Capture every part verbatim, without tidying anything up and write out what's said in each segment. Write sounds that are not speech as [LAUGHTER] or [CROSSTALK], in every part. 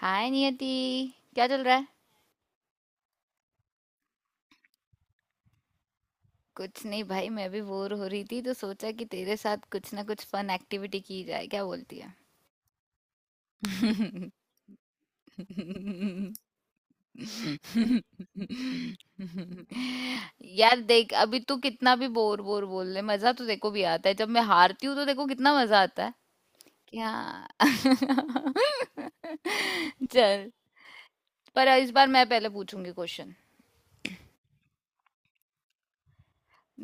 हाय नियति। क्या चल रहा है? कुछ नहीं भाई, मैं भी बोर हो रही थी तो सोचा कि तेरे साथ कुछ ना कुछ फन एक्टिविटी की जाए, क्या बोलती है? यार देख, अभी तू कितना भी बोर बोर बोल ले, मजा तो देखो भी आता है। जब मैं हारती हूँ तो देखो कितना मजा आता है। क्या? [LAUGHS] चल। पर इस बार मैं पहले पूछूंगी क्वेश्चन।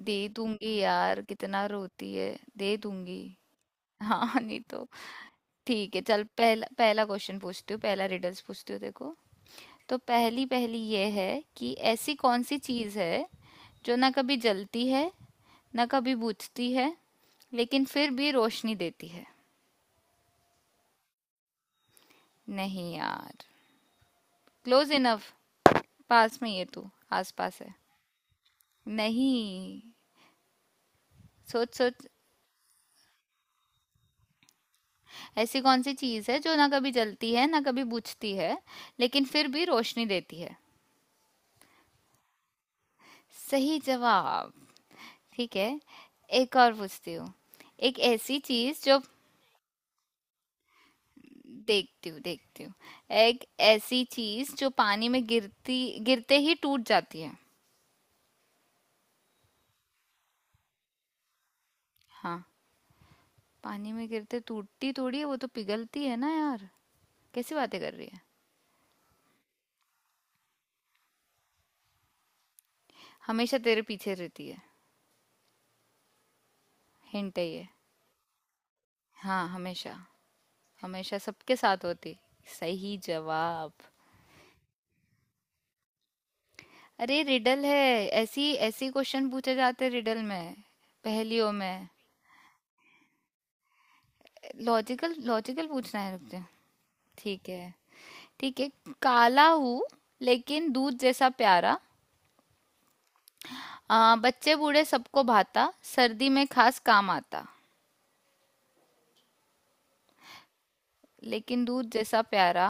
दे दूंगी यार, कितना रोती है, दे दूंगी। हाँ नहीं तो। ठीक है, चल, पहला पहला क्वेश्चन पूछती हूँ, पहला रिडल्स पूछती हूँ, देखो। तो पहली पहली ये है कि ऐसी कौन सी चीज़ है जो ना कभी जलती है ना कभी बुझती है लेकिन फिर भी रोशनी देती है। नहीं यार। Close enough. पास में ही है तू। आस पास है। नहीं, सोच सोच। ऐसी कौन सी चीज़ है जो ना कभी जलती है ना कभी बुझती है लेकिन फिर भी रोशनी देती है? सही जवाब। ठीक है, एक और पूछती हूँ। एक ऐसी चीज जो देखती हूँ देखती हूँ। एक ऐसी चीज जो पानी में गिरती, गिरते ही टूट जाती है। हाँ। पानी में गिरते टूटती थोड़ी है, वो तो पिघलती है ना यार। कैसी बातें कर रही है? हमेशा तेरे पीछे रहती है, हिंट है ये। हाँ, हमेशा, हमेशा सबके साथ होती। सही जवाब। अरे रिडल है, ऐसी ऐसी क्वेश्चन पूछे जाते रिडल में, पहेलियों में। लॉजिकल लॉजिकल पूछना है, रुक जा। ठीक है। ठीक है। काला हूँ लेकिन दूध जैसा प्यारा। आ, बच्चे बूढ़े सबको भाता, सर्दी में खास काम आता। लेकिन दूध जैसा प्यारा,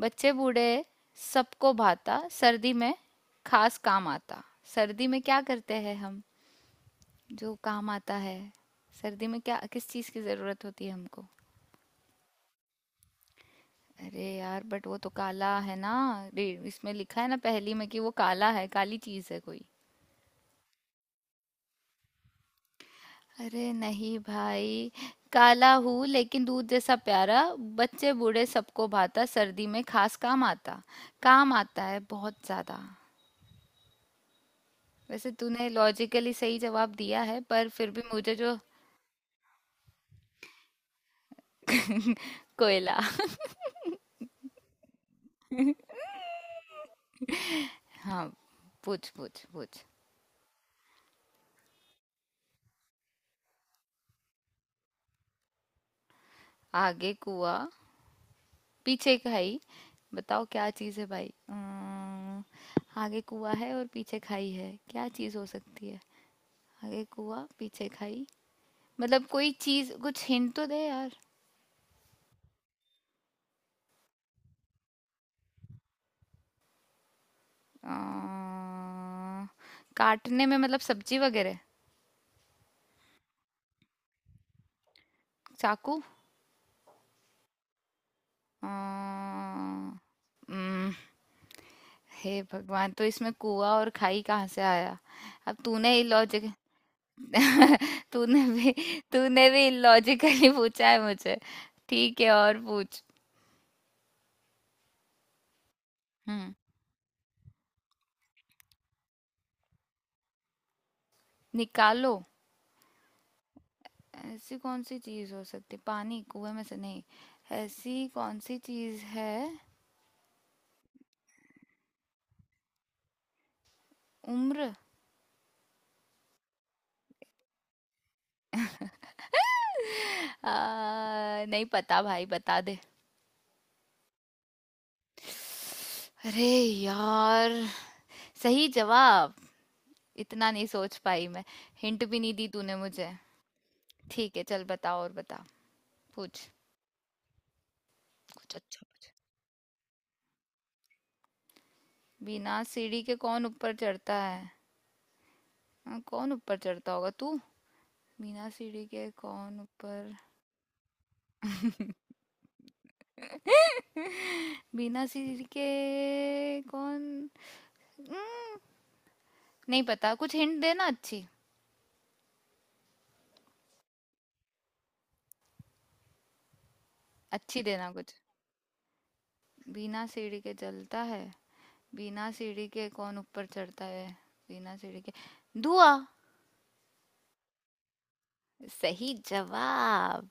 बच्चे बूढ़े सबको भाता, सर्दी में खास काम आता। सर्दी में क्या करते हैं हम, जो काम आता है? सर्दी में क्या, किस चीज़ की ज़रूरत होती है हमको? अरे यार, बट वो तो काला है ना। रे- इसमें लिखा है ना पहेली में कि वो काला है, काली चीज़ है कोई। अरे नहीं भाई। काला हूँ लेकिन दूध जैसा प्यारा, बच्चे बूढ़े सबको भाता, सर्दी में खास काम आता। काम आता है बहुत ज्यादा। वैसे तूने लॉजिकली सही जवाब दिया है, पर फिर भी मुझे जो [LAUGHS] कोयला। हाँ, पूछ पूछ पूछ। आगे कुआ पीछे खाई बताओ क्या चीज़ है भाई। अम्म, आगे कुआ है और पीछे खाई है, क्या चीज़ हो सकती है? आगे कुआ पीछे खाई, मतलब कोई चीज, कुछ हिंट तो दे यार। अ, काटने में मतलब सब्जी वगैरह? चाकू। अ, हम्म, हे भगवान, तो इसमें कुआ और खाई कहाँ से आया? अब तूने ही लॉजिक [LAUGHS] तूने भी तूने भी लॉजिकली पूछा है मुझे। ठीक है, और पूछ। हम्म, निकालो। ऐसी कौन सी चीज हो सकती, पानी कुएं में से, नहीं। ऐसी कौन सी चीज है? उम्र [LAUGHS] आ, नहीं पता भाई, बता दे। अरे यार, सही जवाब। इतना नहीं सोच पाई मैं। हिंट भी नहीं दी तूने मुझे। ठीक है, चल बता और बता। पूछ कुछ अच्छा। बिना सीढ़ी के कौन ऊपर चढ़ता है? हाँ, कौन ऊपर चढ़ता होगा तू? बिना सीढ़ी के कौन ऊपर [LAUGHS] बिना सीढ़ी के कौन? हम्म, नहीं पता, कुछ हिंट देना अच्छी, अच्छी देना कुछ। बिना सीढ़ी के चलता है, बिना सीढ़ी के कौन ऊपर चढ़ता है, बिना सीढ़ी के। धुआं। सही जवाब।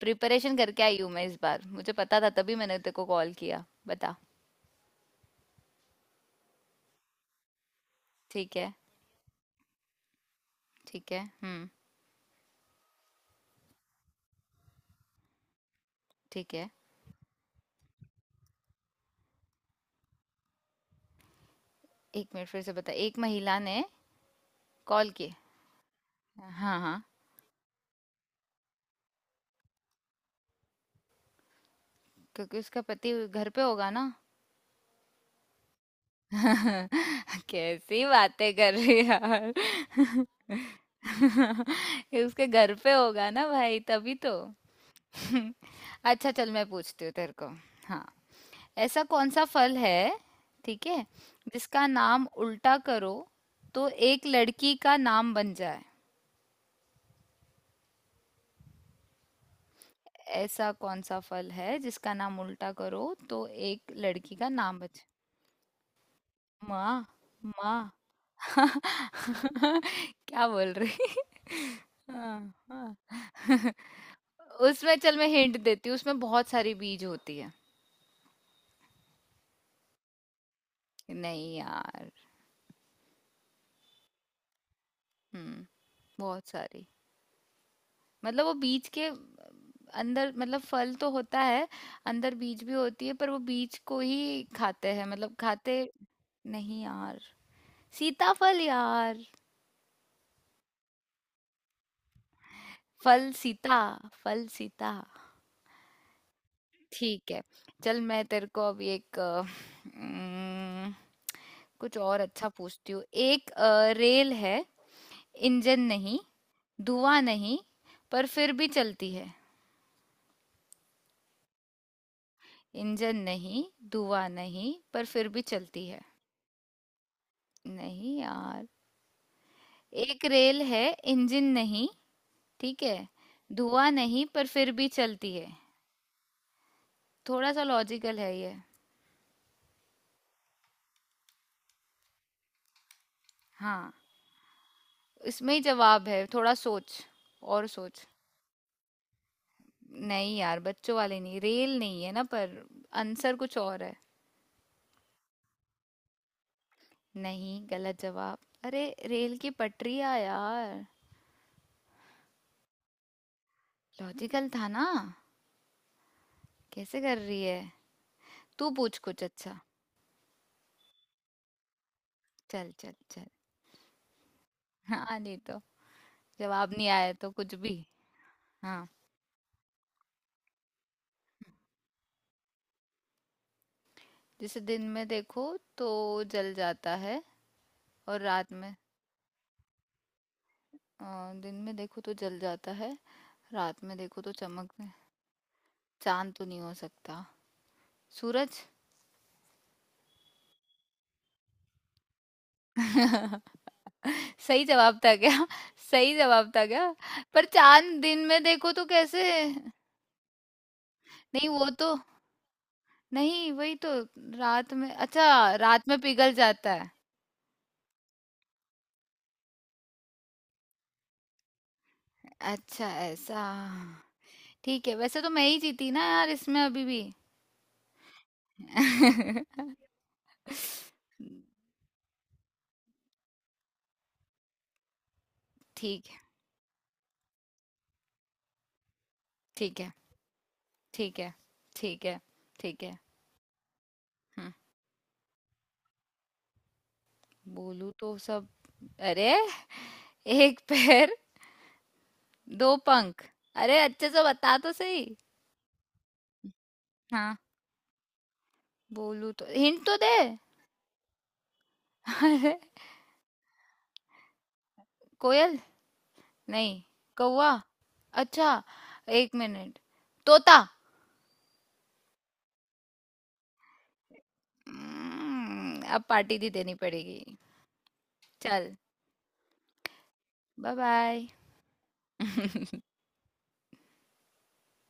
प्रिपरेशन करके आई हूँ मैं इस बार, मुझे पता था तभी मैंने तेरे को कॉल किया। बता। ठीक है। ठीक है। हम्म। ठीक है। एक मिनट, फिर से बता। एक महिला ने कॉल की। हाँ हाँ। क्योंकि उसका पति घर पे होगा ना। [LAUGHS] कैसी बातें कर रही है यार। [LAUGHS] ये उसके घर पे होगा ना भाई, तभी तो। [LAUGHS] अच्छा चल, मैं पूछती हूँ तेरे को। हाँ। ऐसा कौन सा फल है, ठीक है, जिसका नाम उल्टा करो तो एक लड़की का नाम बन जाए। ऐसा कौन सा फल है जिसका नाम उल्टा करो तो एक लड़की का नाम बन जाए? माँ। माँ। [LAUGHS] क्या बोल रही? हाँ, हाँ। [LAUGHS] उसमें, चल मैं हिंट देती हूँ, उसमें बहुत सारी बीज होती है। नहीं यार। हम्म, बहुत सारी, मतलब वो बीज के अंदर, मतलब फल तो होता है, अंदर बीज भी होती है, पर वो बीज को ही खाते हैं, मतलब खाते। नहीं यार, सीताफल यार। फल सीता, फल सीता। ठीक है, चल मैं तेरे को अब एक अ, उम्म, कुछ और अच्छा पूछती हूँ। एक अ, रेल है, इंजन नहीं, धुआं नहीं, पर फिर भी चलती है। इंजन नहीं, धुआं नहीं, पर फिर भी चलती है। नहीं यार। एक रेल है, इंजन नहीं, ठीक है, धुआं नहीं, पर फिर भी चलती है। थोड़ा सा लॉजिकल है ये। हाँ, इसमें ही जवाब है, थोड़ा सोच, और सोच। नहीं यार, बच्चों वाले नहीं, रेल नहीं है ना पर, आंसर कुछ और है। नहीं, गलत जवाब। अरे रेल की पटरियाँ यार। लॉजिकल था ना, कैसे कर रही है। तू पूछ कुछ अच्छा। चल चल चल। हाँ नहीं तो, जवाब नहीं आया तो कुछ भी। हाँ। जिसे दिन में देखो तो जल जाता है और रात में अ, दिन में देखो तो जल जाता है, रात में देखो तो चमक, चांद तो नहीं हो सकता, सूरज। [LAUGHS] सही जवाब था क्या? सही जवाब था क्या? पर चांद दिन में देखो तो कैसे? नहीं वो तो, नहीं वही तो, रात में, अच्छा, रात में पिघल जाता है। अच्छा ऐसा। ठीक है, वैसे तो मैं ही जीती ना यार इसमें, अभी भी [LAUGHS] ठीक है। ठीक है। ठीक है। ठीक है। ठीक है। हम्म। बोलू तो सब। अरे। एक पैर दो पंख। अरे, अच्छे से बता तो सही। हाँ। बोलू तो, हिंट तो दे। अरे। कोयल? नहीं। कौवा? अच्छा, एक मिनट, तोता। हम्म, अब पार्टी भी देनी पड़ेगी। चल। Bye bye. [LAUGHS]